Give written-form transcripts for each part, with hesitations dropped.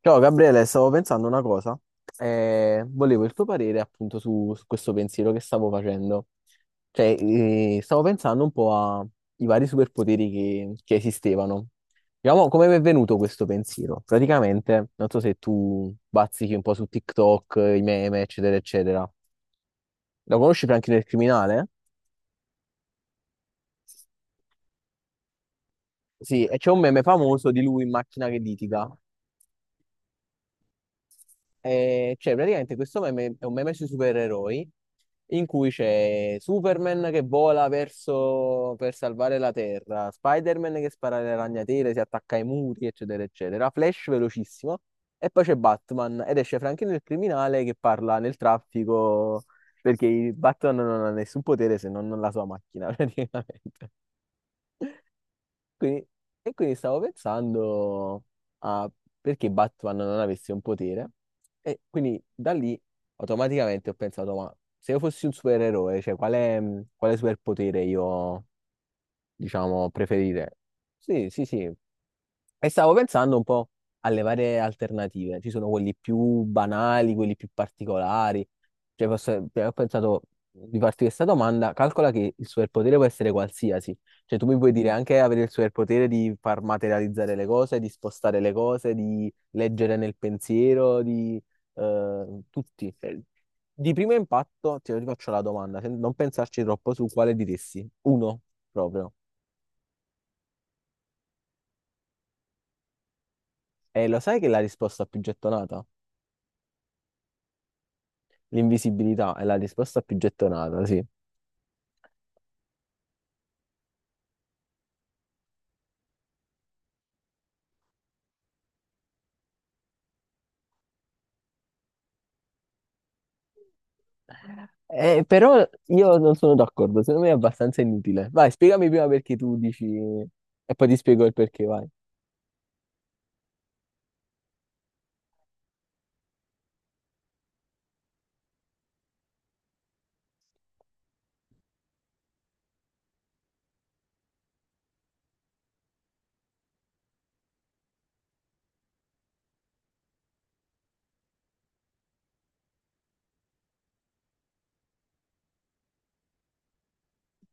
Ciao Gabriele, stavo pensando una cosa e volevo il tuo parere appunto su questo pensiero che stavo facendo. Cioè, stavo pensando un po' ai vari superpoteri che esistevano. Diciamo, come mi è venuto questo pensiero? Praticamente, non so se tu bazzichi un po' su TikTok, i meme, eccetera, eccetera. Lo conosci Franchino il criminale? Sì, e c'è un meme famoso di lui in macchina che litiga. Cioè, praticamente questo meme è un meme sui supereroi in cui c'è Superman che vola verso per salvare la Terra, Spider-Man che spara le ragnatele, si attacca ai muri, eccetera, eccetera, Flash velocissimo e poi c'è Batman ed esce Franklin il criminale che parla nel traffico perché il Batman non ha nessun potere se non la sua macchina, praticamente. Quindi- e quindi stavo pensando a perché Batman non avesse un potere e quindi da lì automaticamente ho pensato, ma se io fossi un supereroe, cioè quale superpotere io, diciamo, preferirei? Sì, sì, sì, e stavo pensando un po' alle varie alternative. Ci sono quelli più banali, quelli più particolari. Cioè, ho pensato di farti questa domanda. Calcola che il superpotere può essere qualsiasi. Cioè, tu mi puoi dire anche avere il superpotere di far materializzare le cose, di spostare le cose, di leggere nel pensiero, di tutti. Di primo impatto ti faccio la domanda, non pensarci troppo su quale diresti. Uno, proprio. E lo sai che è la risposta più gettonata? L'invisibilità è la risposta più gettonata, sì. Però io non sono d'accordo, secondo me è abbastanza inutile. Vai, spiegami prima perché tu dici e poi ti spiego il perché, vai.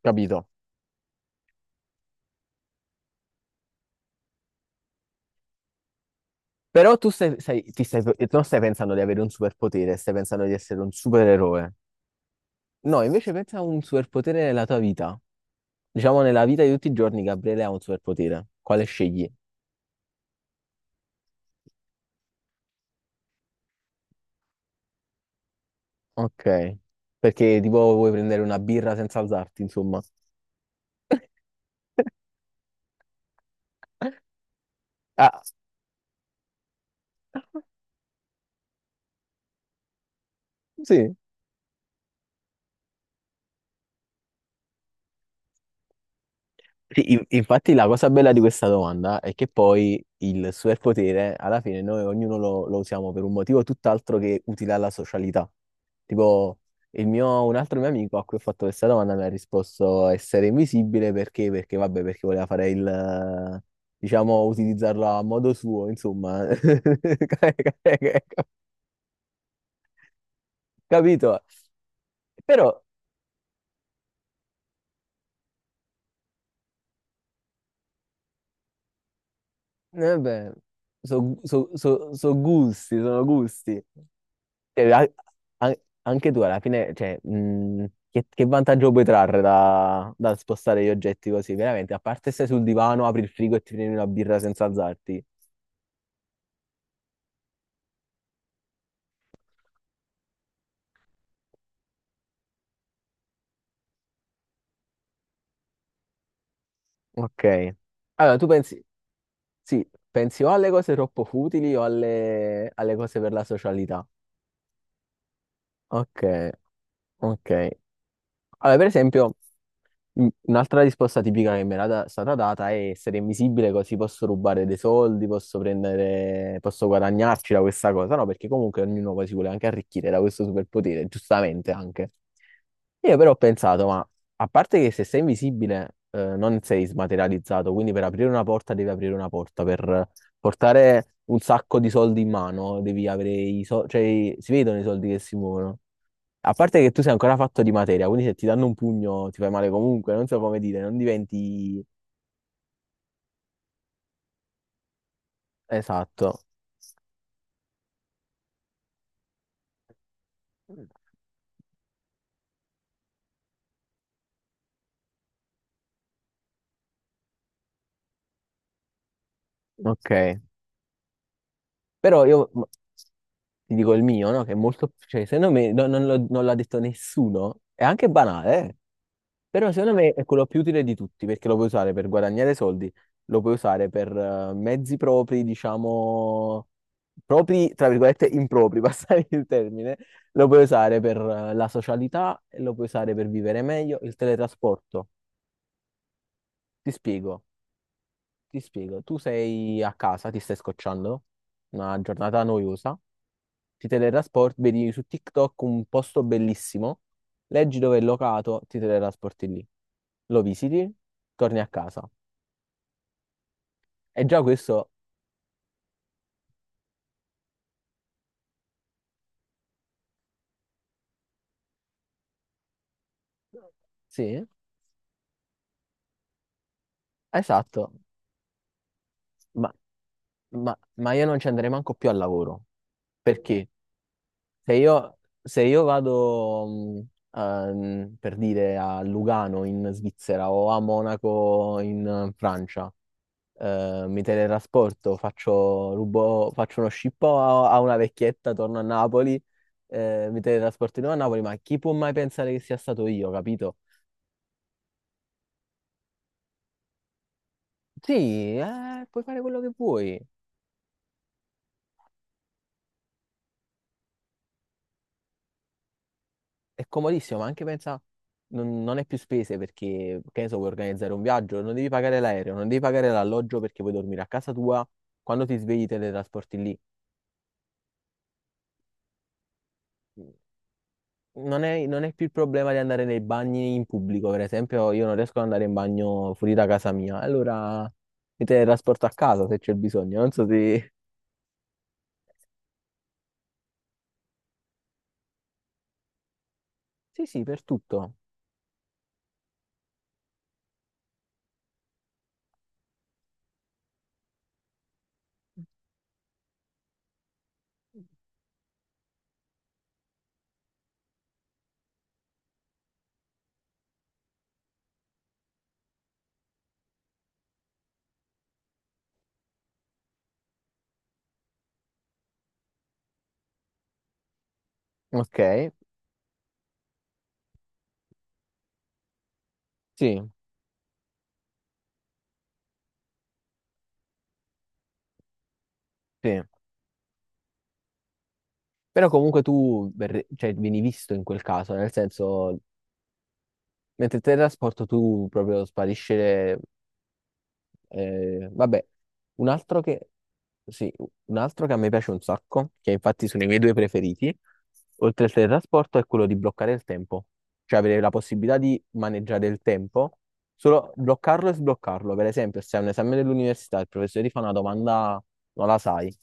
Capito? Però tu stai, stai- ti stai- non stai pensando di avere un superpotere, stai pensando di essere un supereroe. No, invece pensa a un superpotere nella tua vita. Diciamo nella vita di tutti i giorni, Gabriele ha un superpotere. Quale scegli? Ok. Perché tipo vuoi prendere una birra senza alzarti, insomma. Ah. Sì. Infatti la cosa bella di questa domanda è che poi il superpotere, alla fine noi ognuno lo usiamo per un motivo tutt'altro che utile alla socialità. Tipo, un altro mio amico a cui ho fatto questa domanda mi ha risposto essere invisibile perché vabbè, perché voleva fare il, diciamo, utilizzarlo a modo suo, insomma. Capito? Però, eh beh, so gusti, sono gusti. Cioè, a- a- anche tu alla fine, cioè, che vantaggio puoi trarre da spostare gli oggetti così? Veramente, a parte stai sul divano, apri il frigo e ti prendi una birra senza alzarti. Ok. Allora, tu pensi, sì, pensi o alle cose troppo futili o alle cose per la socialità. Ok, ok. Allora, per esempio. Un'altra risposta tipica che mi stata data è essere invisibile così posso rubare dei soldi, posso prendere, posso guadagnarci da questa cosa, no? Perché comunque ognuno poi si vuole anche arricchire da questo superpotere, giustamente anche. Io però ho pensato, ma a parte che se sei invisibile, non sei smaterializzato, quindi per aprire una porta devi aprire una porta, per portare un sacco di soldi in mano devi avere i soldi, cioè si vedono i soldi che si muovono. A parte che tu sei ancora fatto di materia, quindi se ti danno un pugno ti fai male comunque, non so come dire, non diventi... Esatto, ok. Però ti dico il mio, no? Che è molto... Cioè, secondo me non l'ha detto nessuno, è anche banale, eh. Però secondo me è quello più utile di tutti perché lo puoi usare per guadagnare soldi, lo puoi usare per mezzi propri, diciamo, propri, tra virgolette, impropri, passare il termine, lo puoi usare per la socialità, lo puoi usare per vivere meglio, il teletrasporto. Ti spiego. Ti spiego, tu sei a casa, ti stai scocciando, una giornata noiosa, ti teletrasporti, vedi su TikTok un posto bellissimo, leggi dove è locato, ti teletrasporti lì, lo visiti, torni a casa. E già questo, sì, esatto, ma, ma io non ci andrei manco più al lavoro, perché se io vado, per dire, a Lugano in Svizzera o a Monaco in Francia, mi teletrasporto, faccio, faccio uno scippo a una vecchietta, torno a Napoli, mi teletrasporto di nuovo a Napoli, ma chi può mai pensare che sia stato io, capito? Sì, puoi fare quello che vuoi, è comodissimo, ma anche pensa, non è più spese perché, che ne so, vuoi organizzare un viaggio, non devi pagare l'aereo, non devi pagare l'alloggio perché puoi dormire a casa tua, quando ti svegli teletrasporti lì. Non è più il problema di andare nei bagni in pubblico, per esempio, io non riesco ad andare in bagno fuori da casa mia, allora mi teletrasporto a casa se c'è bisogno, non so se... Sì, sì, per tutto. Ok, sì, sì. Però comunque cioè, vieni visto in quel caso, nel senso, mentre teletrasporto tu proprio sparisce, eh, vabbè, un altro che, sì, un altro che a me piace un sacco, che infatti sono i miei due preferiti, oltre al teletrasporto, è quello di bloccare il tempo. Cioè avere la possibilità di maneggiare il tempo, solo bloccarlo e sbloccarlo. Per esempio, se hai un esame dell'università, il professore ti fa una domanda, non la sai,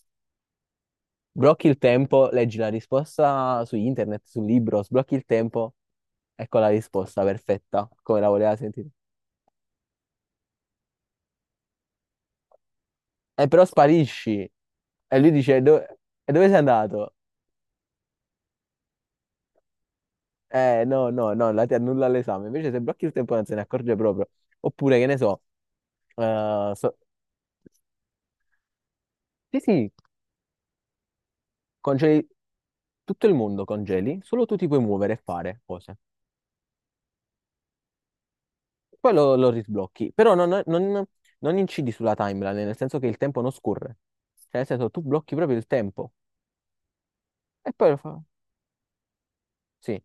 blocchi il tempo, leggi la risposta su internet, sul libro, sblocchi il tempo, ecco la risposta perfetta, come la voleva sentire. Però sparisci. E lui dice, e dove sei andato? No, no, no, la ti annulla l'esame. Invece se blocchi il tempo non se ne accorge proprio. Oppure, che ne so, eh, so- sì, sì, congeli tutto il mondo, congeli, solo tu ti puoi muovere e fare cose. Poi lo risblocchi, però non incidi sulla timeline, nel senso che il tempo non scorre. Cioè, nel senso, tu blocchi proprio il tempo e poi lo fa. Sì,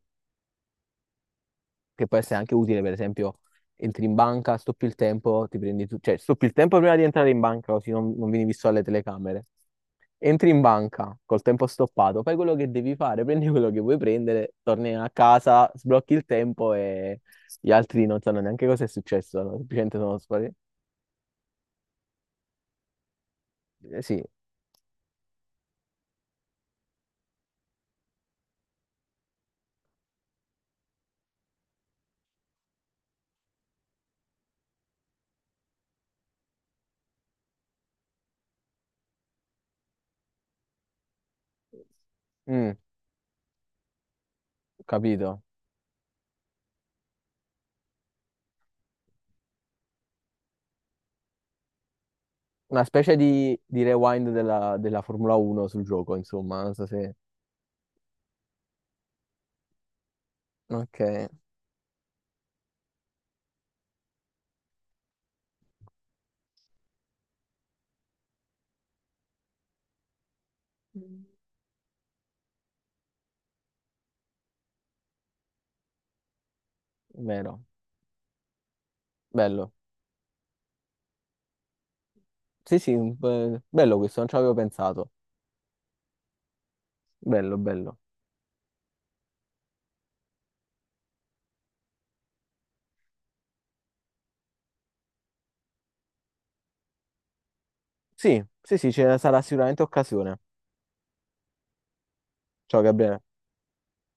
che può essere anche utile, per esempio, entri in banca, stoppi il tempo, ti prendi tu, cioè stoppi il tempo prima di entrare in banca, così non vieni visto alle telecamere. Entri in banca col tempo stoppato, fai quello che devi fare, prendi quello che vuoi prendere, torni a casa, sblocchi il tempo e gli altri non sanno neanche cosa è successo, no? Semplicemente sono sparati. Sì, mm, capito. Una specie di rewind della Formula 1 sul gioco, insomma, non so se... Ok, vero, bello. Sì, sì, bello questo, non ci avevo pensato. Bello, bello. Sì, sì, sì, ce ne sarà sicuramente occasione. Ciao Gabriele.